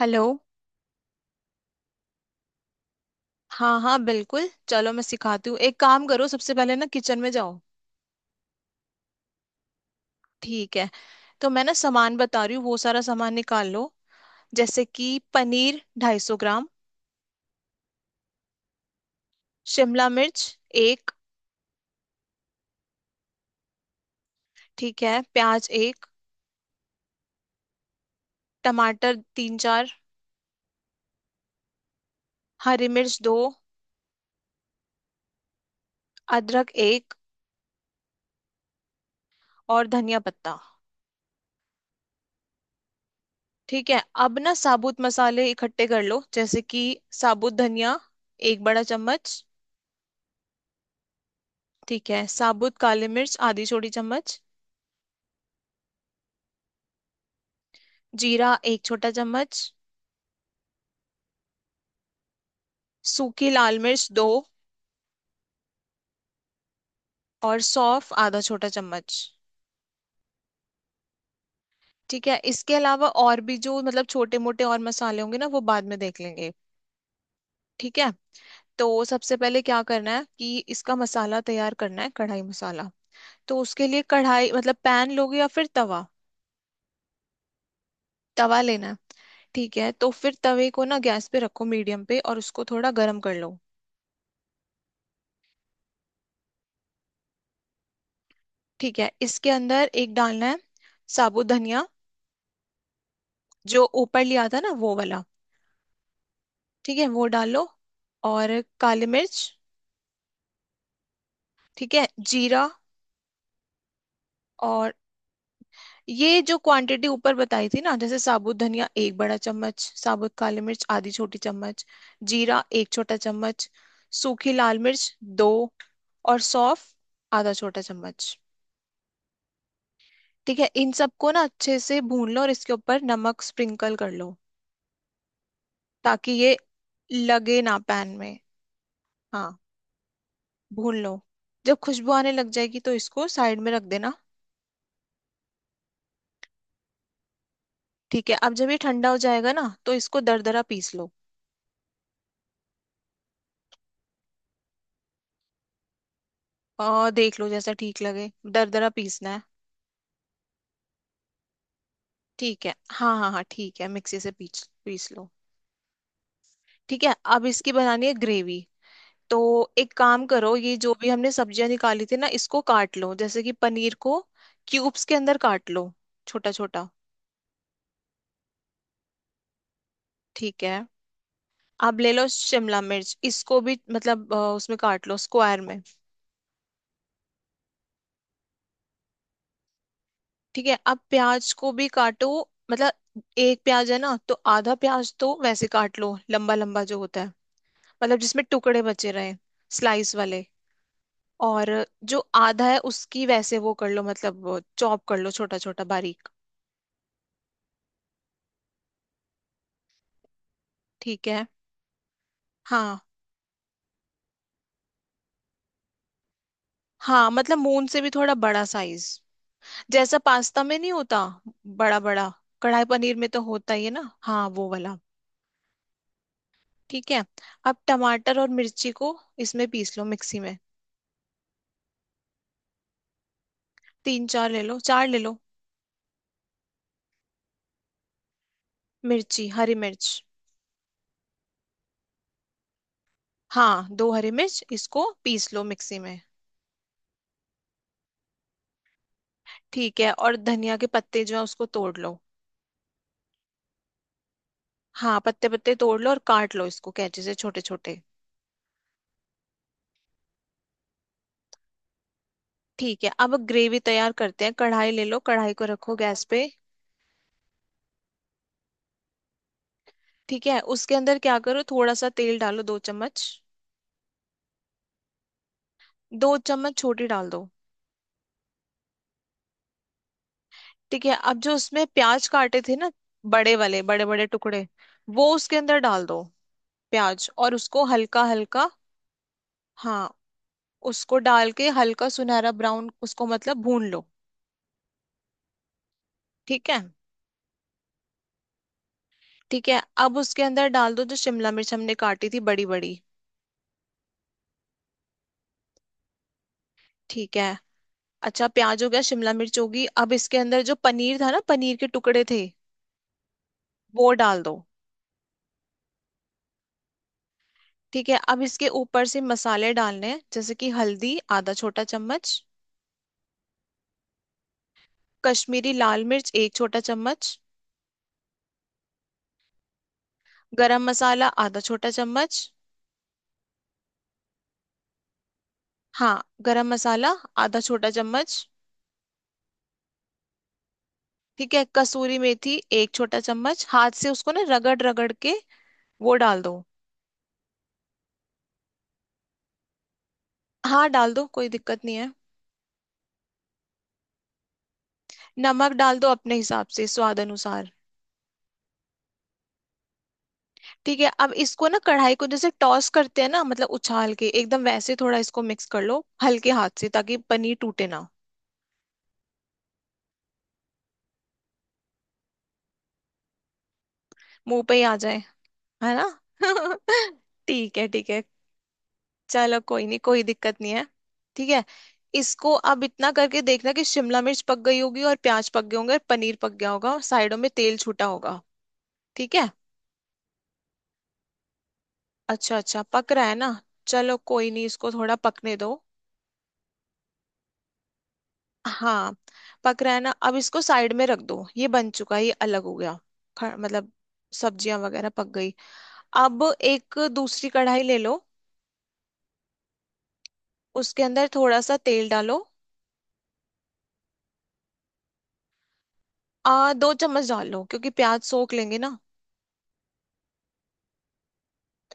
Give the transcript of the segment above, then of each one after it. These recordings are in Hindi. हेलो। हाँ हाँ, बिल्कुल चलो, मैं सिखाती हूँ। एक काम करो, सबसे पहले ना किचन में जाओ। ठीक है। तो मैं ना सामान बता रही हूँ, वो सारा सामान निकाल लो। जैसे कि पनीर 250 ग्राम, शिमला मिर्च एक। ठीक है, प्याज एक, टमाटर तीन चार, हरी मिर्च दो, अदरक एक, और धनिया पत्ता। ठीक है, अब ना साबुत मसाले इकट्ठे कर लो। जैसे कि साबुत धनिया एक बड़ा चम्मच। ठीक है, साबुत काली मिर्च आधी छोटी चम्मच, जीरा एक छोटा चम्मच, सूखी लाल मिर्च दो, और सौंफ आधा छोटा चम्मच। ठीक है, इसके अलावा और भी जो मतलब छोटे मोटे और मसाले होंगे ना वो बाद में देख लेंगे। ठीक है। तो सबसे पहले क्या करना है कि इसका मसाला तैयार करना है, कढ़ाई मसाला। तो उसके लिए कढ़ाई मतलब पैन लोगे या फिर तवा? तवा लेना है। ठीक है, तो फिर तवे को ना गैस पे रखो मीडियम पे, और उसको थोड़ा गर्म कर लो। ठीक है, इसके अंदर एक डालना है साबुत धनिया, जो ऊपर लिया था ना वो वाला। ठीक है, वो डालो। और काली मिर्च। ठीक है, जीरा और ये जो क्वांटिटी ऊपर बताई थी ना, जैसे साबुत धनिया एक बड़ा चम्मच, साबुत काली मिर्च आधी छोटी चम्मच, जीरा एक छोटा चम्मच, सूखी लाल मिर्च दो, और सौंफ आधा छोटा चम्मच। ठीक है, इन सबको ना अच्छे से भून लो, और इसके ऊपर नमक स्प्रिंकल कर लो ताकि ये लगे ना पैन में। हाँ, भून लो। जब खुशबू आने लग जाएगी तो इसको साइड में रख देना। ठीक है, अब जब ये ठंडा हो जाएगा ना तो इसको दरदरा पीस लो। और देख लो जैसा ठीक लगे, दरदरा पीसना है। ठीक है, हाँ हाँ हाँ, ठीक है, मिक्सी से पीस पीस लो। ठीक है, अब इसकी बनानी है ग्रेवी। तो एक काम करो, ये जो भी हमने सब्जियां निकाली थी ना इसको काट लो, जैसे कि पनीर को क्यूब्स के अंदर काट लो, छोटा छोटा। ठीक है, अब ले लो शिमला मिर्च, इसको भी मतलब उसमें काट लो स्क्वायर में। ठीक है, अब प्याज को भी काटो। मतलब एक प्याज है ना तो आधा प्याज तो वैसे काट लो लंबा लंबा जो होता है, मतलब जिसमें टुकड़े बचे रहे, स्लाइस वाले। और जो आधा है उसकी वैसे वो कर लो, मतलब चॉप कर लो छोटा छोटा बारीक। ठीक है। हाँ हाँ, मतलब मून से भी थोड़ा बड़ा साइज, जैसा पास्ता में नहीं होता, बड़ा बड़ा। कढ़ाई पनीर में तो होता ही है ना, हाँ वो वाला। ठीक है, अब टमाटर और मिर्ची को इसमें पीस लो मिक्सी में। तीन चार ले लो, चार ले लो। मिर्ची, हरी मिर्च। हाँ, दो हरी मिर्च, इसको पीस लो मिक्सी में। ठीक है, और धनिया के पत्ते जो है उसको तोड़ लो। हाँ, पत्ते पत्ते तोड़ लो और काट लो इसको कैंची से छोटे छोटे। ठीक है, अब ग्रेवी तैयार करते हैं। कढ़ाई ले लो, कढ़ाई को रखो गैस पे। ठीक है, उसके अंदर क्या करो, थोड़ा सा तेल डालो, दो चम्मच। दो चम्मच छोटी डाल दो। ठीक है, अब जो उसमें प्याज काटे थे ना, बड़े वाले, बड़े बड़े टुकड़े, वो उसके अंदर डाल दो। प्याज, और उसको हल्का हल्का, हाँ उसको डाल के हल्का सुनहरा ब्राउन उसको मतलब भून लो। ठीक है, ठीक है। अब उसके अंदर डाल दो जो शिमला मिर्च हमने काटी थी बड़ी बड़ी। ठीक है, अच्छा प्याज हो गया, शिमला मिर्च होगी, अब इसके अंदर जो पनीर था ना, पनीर के टुकड़े थे वो डाल दो। ठीक है, अब इसके ऊपर से मसाले डालने हैं, जैसे कि हल्दी आधा छोटा चम्मच, कश्मीरी लाल मिर्च एक छोटा चम्मच, गरम मसाला आधा छोटा चम्मच। हाँ गरम मसाला आधा छोटा चम्मच। ठीक है, कसूरी मेथी एक छोटा चम्मच हाथ से उसको ना रगड़ रगड़ के वो डाल दो। हाँ डाल दो, कोई दिक्कत नहीं है। नमक डाल दो अपने हिसाब से, स्वाद अनुसार। ठीक है, अब इसको ना कढ़ाई को जैसे टॉस करते हैं ना, मतलब उछाल के एकदम वैसे, थोड़ा इसको मिक्स कर लो हल्के हाथ से ताकि पनीर टूटे ना, मुंह पे ही आ जाए, है ना। ठीक है, ठीक है। चलो कोई नहीं, कोई दिक्कत नहीं है। ठीक है, इसको अब इतना करके देखना कि शिमला मिर्च पक गई होगी और प्याज पक गए होंगे और पनीर पक गया होगा और साइडों में तेल छूटा होगा। ठीक है। अच्छा अच्छा, पक रहा है ना, चलो कोई नहीं, इसको थोड़ा पकने दो। हाँ, पक रहा है ना, अब इसको साइड में रख दो, ये बन चुका है, ये अलग हो गया। मतलब सब्जियां वगैरह पक गई। अब एक दूसरी कढ़ाई ले लो। उसके अंदर थोड़ा सा तेल डालो, आ दो चम्मच डाल लो, क्योंकि प्याज सोख लेंगे ना।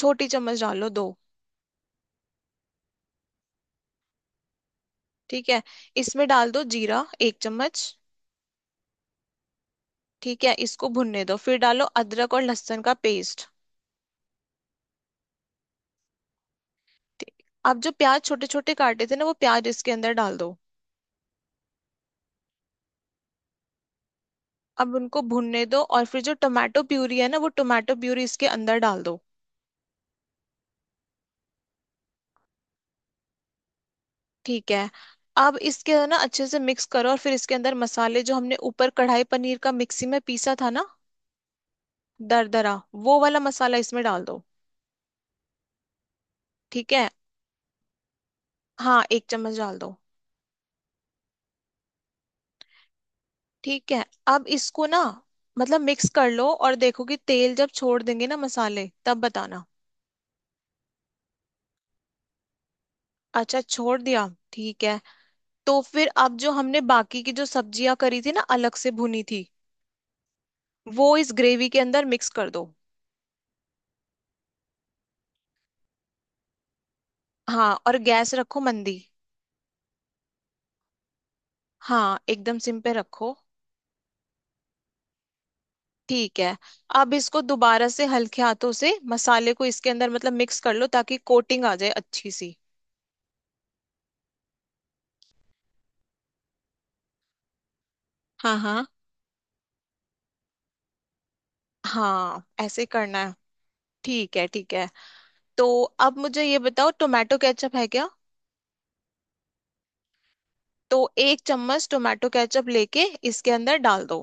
छोटी चम्मच डाल लो दो। ठीक है, इसमें डाल दो जीरा एक चम्मच। ठीक है, इसको भुनने दो, फिर डालो अदरक और लहसुन का पेस्ट। ठीक। आप जो प्याज छोटे छोटे काटे थे ना, वो प्याज इसके अंदर डाल दो। अब उनको भुनने दो, और फिर जो टोमेटो प्यूरी है ना वो टोमेटो प्यूरी इसके अंदर डाल दो। ठीक है, अब इसके ना अच्छे से मिक्स करो, और फिर इसके अंदर मसाले जो हमने ऊपर कढ़ाई पनीर का मिक्सी में पीसा था ना, दरदरा, वो वाला मसाला इसमें डाल दो। ठीक है, हाँ एक चम्मच डाल दो। ठीक है, अब इसको ना मतलब मिक्स कर लो, और देखो कि तेल जब छोड़ देंगे ना मसाले, तब बताना। अच्छा छोड़ दिया। ठीक है, तो फिर अब जो हमने बाकी की जो सब्जियां करी थी ना अलग से भुनी थी, वो इस ग्रेवी के अंदर मिक्स कर दो। हाँ, और गैस रखो मंदी। हाँ एकदम सिम पे रखो। ठीक है, अब इसको दोबारा से हल्के हाथों से मसाले को इसके अंदर मतलब मिक्स कर लो ताकि कोटिंग आ जाए अच्छी सी। हाँ हाँ हाँ ऐसे करना है। ठीक है, ठीक है। तो अब मुझे ये बताओ, टोमेटो केचप है क्या? तो एक चम्मच टोमेटो केचप लेके इसके अंदर डाल दो।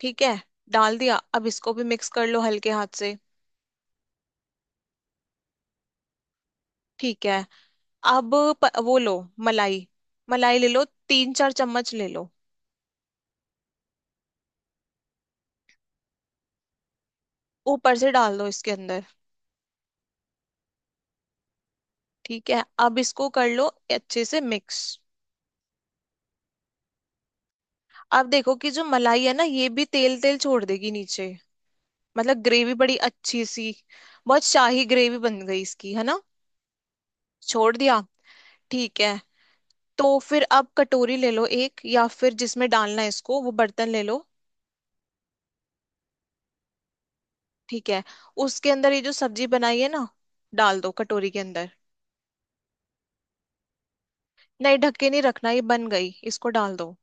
ठीक है, डाल दिया, अब इसको भी मिक्स कर लो हल्के हाथ से। ठीक है, अब वो लो, मलाई, मलाई ले लो, तीन चार चम्मच ले लो। ऊपर से डाल दो इसके अंदर। ठीक है, अब इसको कर लो अच्छे से मिक्स। अब देखो कि जो मलाई है ना ये भी तेल तेल छोड़ देगी नीचे, मतलब ग्रेवी बड़ी अच्छी सी। बहुत शाही ग्रेवी बन गई इसकी, है ना। छोड़ दिया। ठीक है, तो फिर अब कटोरी ले लो एक, या फिर जिसमें डालना है इसको वो बर्तन ले लो। ठीक है, उसके अंदर ये जो सब्जी बनाई है ना, डाल दो कटोरी के अंदर। नहीं ढक के नहीं रखना, ये बन गई, इसको डाल दो।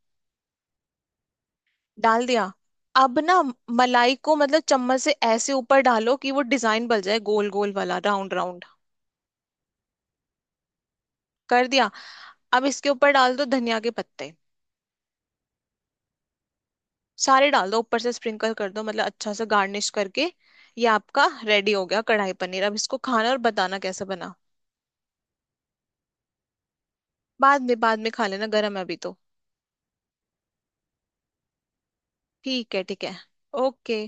डाल दिया। अब ना मलाई को मतलब चम्मच से ऐसे ऊपर डालो कि वो डिजाइन बन जाए, गोल गोल वाला, राउंड राउंड। कर दिया। अब इसके ऊपर डाल दो धनिया के पत्ते, सारे डाल दो, ऊपर से स्प्रिंकल कर दो, मतलब अच्छा सा गार्निश करके। ये आपका रेडी हो गया कढ़ाई पनीर। अब इसको खाना और बताना कैसे बना। बाद में, बाद में खा लेना, गर्म है अभी तो। ठीक है, ठीक है। ओके।